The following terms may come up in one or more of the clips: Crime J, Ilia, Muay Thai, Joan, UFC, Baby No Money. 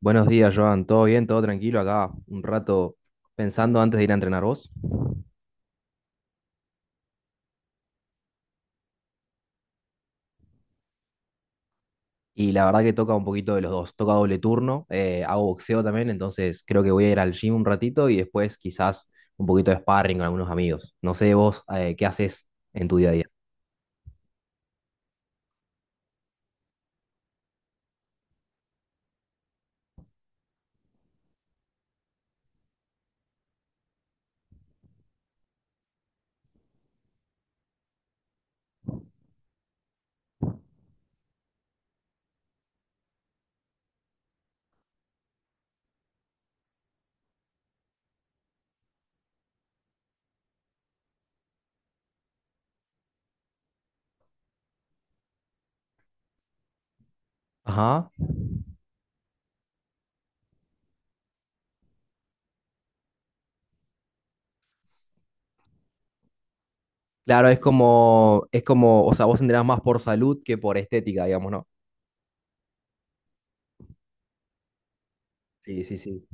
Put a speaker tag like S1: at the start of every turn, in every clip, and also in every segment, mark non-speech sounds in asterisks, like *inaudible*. S1: Buenos días, Joan. ¿Todo bien? ¿Todo tranquilo? Acá un rato pensando antes de ir a entrenar vos. Y la verdad que toca un poquito de los dos. Toca doble turno, hago boxeo también, entonces creo que voy a ir al gym un ratito y después quizás un poquito de sparring con algunos amigos. No sé vos qué haces en tu día a día. Ajá. Claro, es como, o sea, vos entrenás más por salud que por estética, digamos, ¿no? Sí, sí, sí.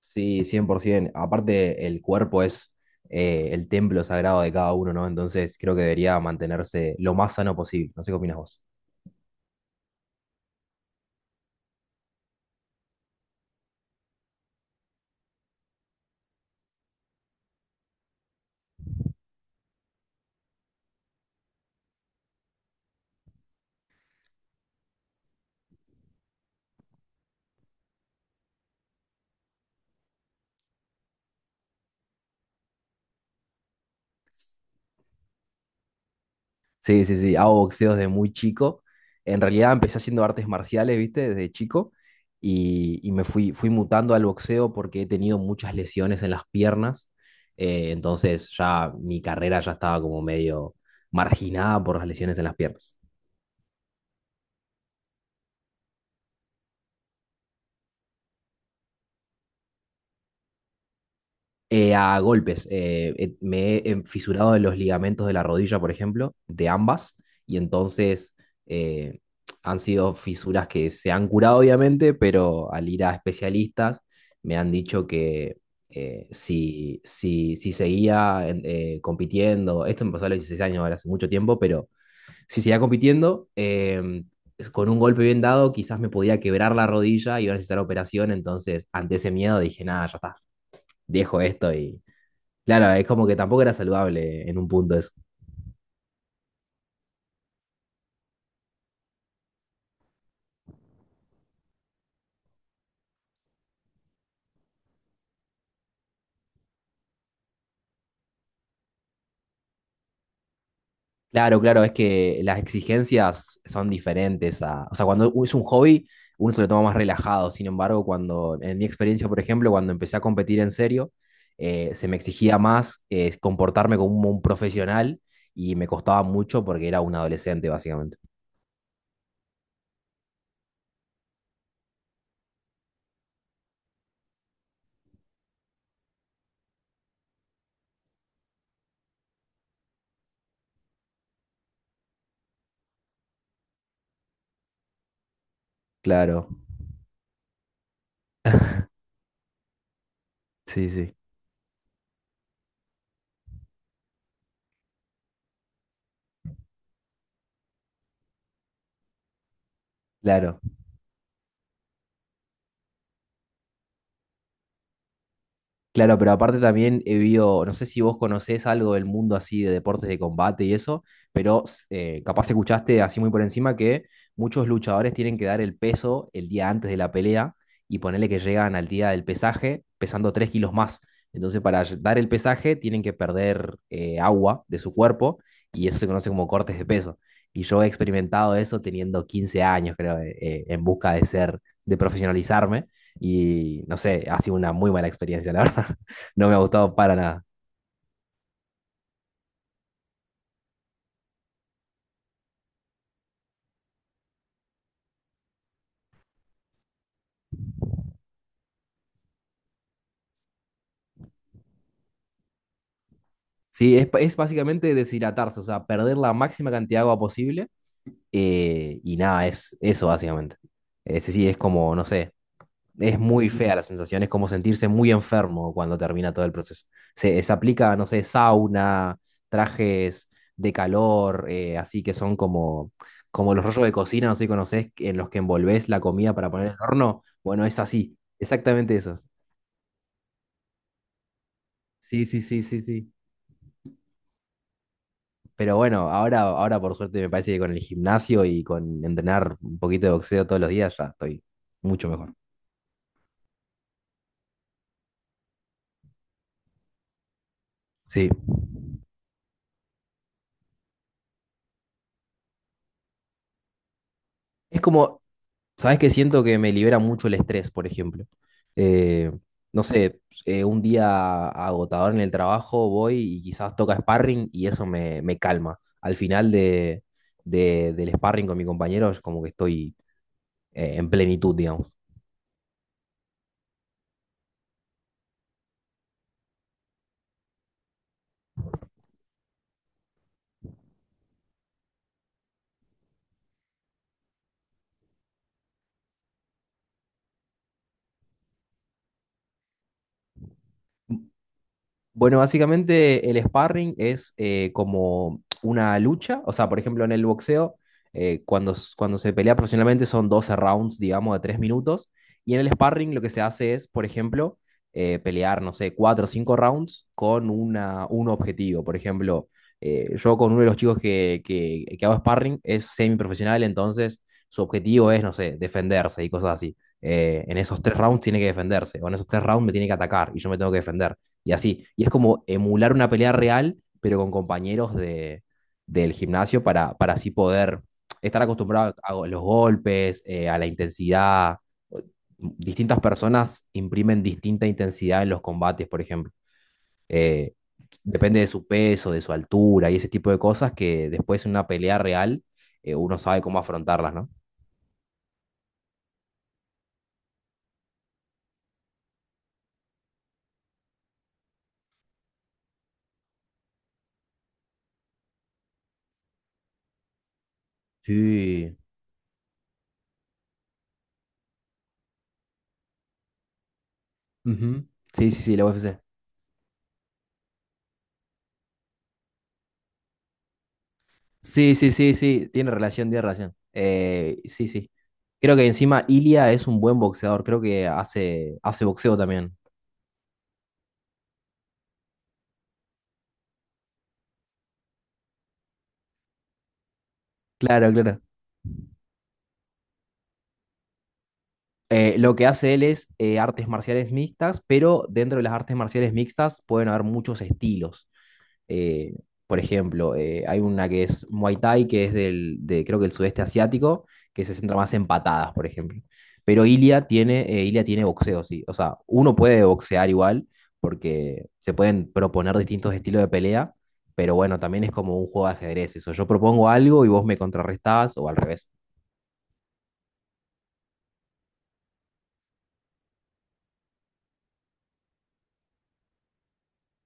S1: Sí, 100%. Aparte, el cuerpo es el templo sagrado de cada uno, ¿no? Entonces creo que debería mantenerse lo más sano posible. No sé qué opinas vos. Sí, sí, sí. Hago boxeo desde muy chico. En realidad empecé haciendo artes marciales, ¿viste? Desde chico. Y, y me fui, mutando al boxeo porque he tenido muchas lesiones en las piernas. Entonces ya mi carrera ya estaba como medio marginada por las lesiones en las piernas. A golpes. Fisurado de los ligamentos de la rodilla, por ejemplo, de ambas, y entonces eh, han sido fisuras que se han curado, obviamente, pero al ir a especialistas me han dicho que si seguía en- compitiendo, esto me pasó a los 16 años, ahora hace mucho tiempo, pero si seguía compitiendo, con un golpe bien dado, quizás me podía quebrar la rodilla y iba a necesitar operación, entonces ante ese miedo dije, nada, ya está, dejo esto y claro, es como que tampoco era saludable en un punto eso. Claro, claro, es que las exigencias son diferentes a, o sea, cuando es un hobby, uno se lo toma más relajado. Sin embargo, cuando, en mi experiencia, por ejemplo, cuando empecé a competir en serio, se me exigía más comportarme como un profesional y me costaba mucho porque era un adolescente, básicamente. Claro, sí, sí, claro. Claro, pero aparte también he visto, no sé si vos conocés algo del mundo así de deportes de combate y eso, pero capaz escuchaste así muy por encima que muchos luchadores tienen que dar el peso el día antes de la pelea y ponerle que llegan al día del pesaje pesando 3 kilos más. Entonces para ll- dar el pesaje tienen que perder agua de su cuerpo y eso se conoce como cortes de peso. Y yo he experimentado eso teniendo 15 años, creo, en busca de ser, de profesionalizarme y no sé, ha sido una muy mala experiencia, la verdad. *laughs* No me ha gustado para nada. Sí, es básicamente deshidratarse, o sea, perder la máxima cantidad de agua posible. Y nada, es eso básicamente. Ese sí, es como, no sé, es muy fea la sensación, es como sentirse muy enfermo cuando termina todo el proceso. Se aplica, no sé, sauna, trajes de calor, así que son como, como los rollos de cocina, no sé si conocés, en los que envolvés la comida para poner en el horno. Bueno, es así, exactamente esos. Sí, sí, sí, sí, sí. Pero bueno, ahora, ahora por suerte me parece que con el gimnasio y con entrenar un poquito de boxeo todos los días ya estoy mucho mejor. Sí. Es como, ¿sabes qué? Siento que me libera mucho el estrés, por ejemplo. Eh, no sé, un día agotador en el trabajo voy y quizás toca sparring y eso me, me calma. Al final de, del sparring con mi compañero es como que estoy en plenitud, digamos. Bueno, básicamente el sparring es como una lucha, o sea, por ejemplo, en el boxeo, cuando, s- cuando se pelea profesionalmente son 12 rounds, digamos, de 3 minutos, y en el sparring lo que se hace es, por ejemplo, pelear, no sé, 4 o 5 rounds con una, un objetivo. Por ejemplo, yo con uno de los chicos que hago sparring es semiprofesional, entonces su objetivo es, no sé, defenderse y cosas así. En esos 3 rounds tiene que defenderse, o en esos 3 rounds me tiene que atacar y yo me tengo que defender y así. Y es como emular una pelea real, pero con compañeros de, del gimnasio para así poder estar acostumbrado a los golpes, a la intensidad. Distintas personas imprimen distinta intensidad en los combates, por ejemplo. Eh, Depende de su peso, de su altura y ese tipo de cosas que después en una pelea real uno sabe cómo afrontarlas, ¿no? Sí. Ujú. Sí, sí, sí, la UFC. Sí, sí, sí, sí, tiene relación, tiene relación. Sí, sí. Creo que encima Ilia es un buen boxeador, creo que hace, hace boxeo también. Claro, claro. Lo que hace él es artes marciales mixtas, pero dentro de las artes marciales mixtas pueden haber muchos estilos. Eh, por ejemplo, hay una que es Muay Thai, que es del, de, creo que el sudeste asiático, que se centra más en patadas, por ejemplo. Pero Ilia tiene boxeo, sí. O sea, uno puede boxear igual, porque se pueden proponer distintos estilos de pelea, pero bueno, también es como un juego de ajedrez eso. Yo propongo algo y vos me contrarrestás, o al revés.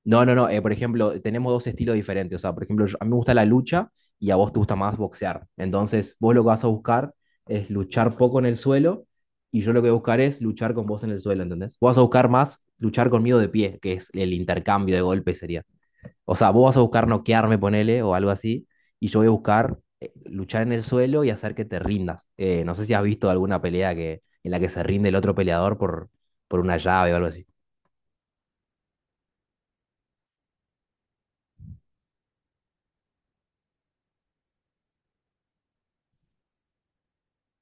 S1: No, no, no. Por ejemplo, tenemos dos estilos diferentes. O sea, por ejemplo, yo- a mí me gusta la lucha y a vos te gusta más boxear. Entonces, vos lo que vas a buscar es luchar poco en el suelo y yo lo que voy a buscar es luchar con vos en el suelo, ¿entendés? Vos vas a buscar más luchar conmigo de pie, que es el intercambio de golpes sería. O sea, vos vas a buscar noquearme, ponele, o algo así, y yo voy a buscar luchar en el suelo y hacer que te rindas. No sé si has visto alguna pelea que, en la que se rinde el otro peleador por una llave o algo así.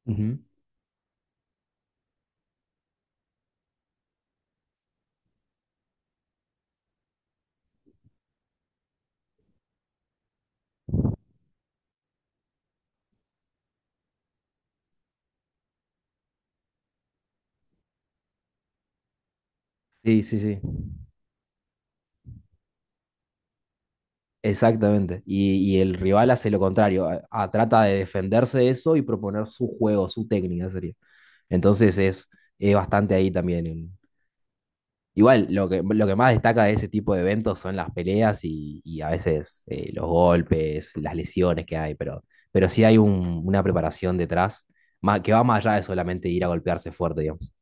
S1: Ujú. Sí, sí, sí. Exactamente. Y el rival hace lo contrario. A- Trata de defenderse de eso y proponer su juego, su técnica sería. Entonces es bastante ahí también. En- Igual, lo que más destaca de ese tipo de eventos son las peleas y a veces los golpes, las lesiones que hay, pero sí hay un- una preparación detrás ma- que va más allá de solamente ir a golpearse fuerte, digamos.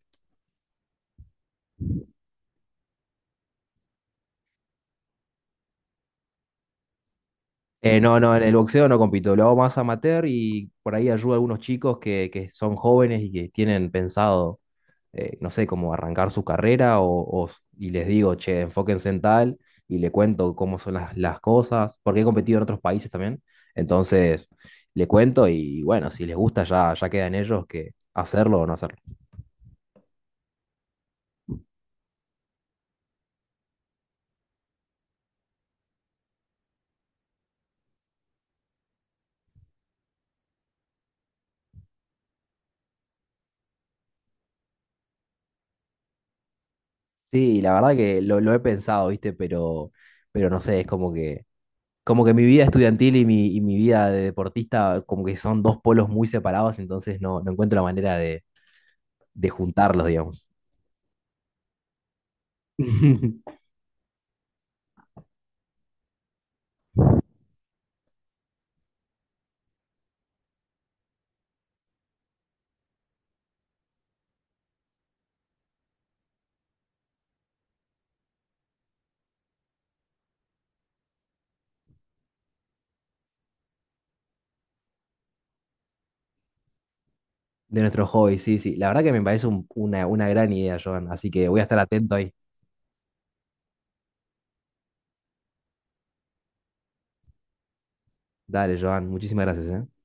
S1: No, no, en el boxeo no compito, lo hago más amateur y por ahí ayudo a algunos chicos que son jóvenes y que tienen pensado no sé, como arrancar su carrera o- y les digo, che, enfóquense en tal y le cuento cómo son las cosas, porque he competido en otros países también. Entonces, le cuento y bueno, si les gusta ya, ya queda en ellos que hacerlo o no hacerlo. Sí, la verdad que lo he pensado, ¿viste? Pero no sé, es como que mi vida estudiantil y mi vida de deportista como que son dos polos muy separados, entonces no, no encuentro la manera de juntarlos, digamos. *laughs* De nuestro hobby, sí, sí. La verdad que me parece un- una gran idea, Joan. Así que voy a estar atento ahí. Dale, Joan. Muchísimas gracias, ¿eh?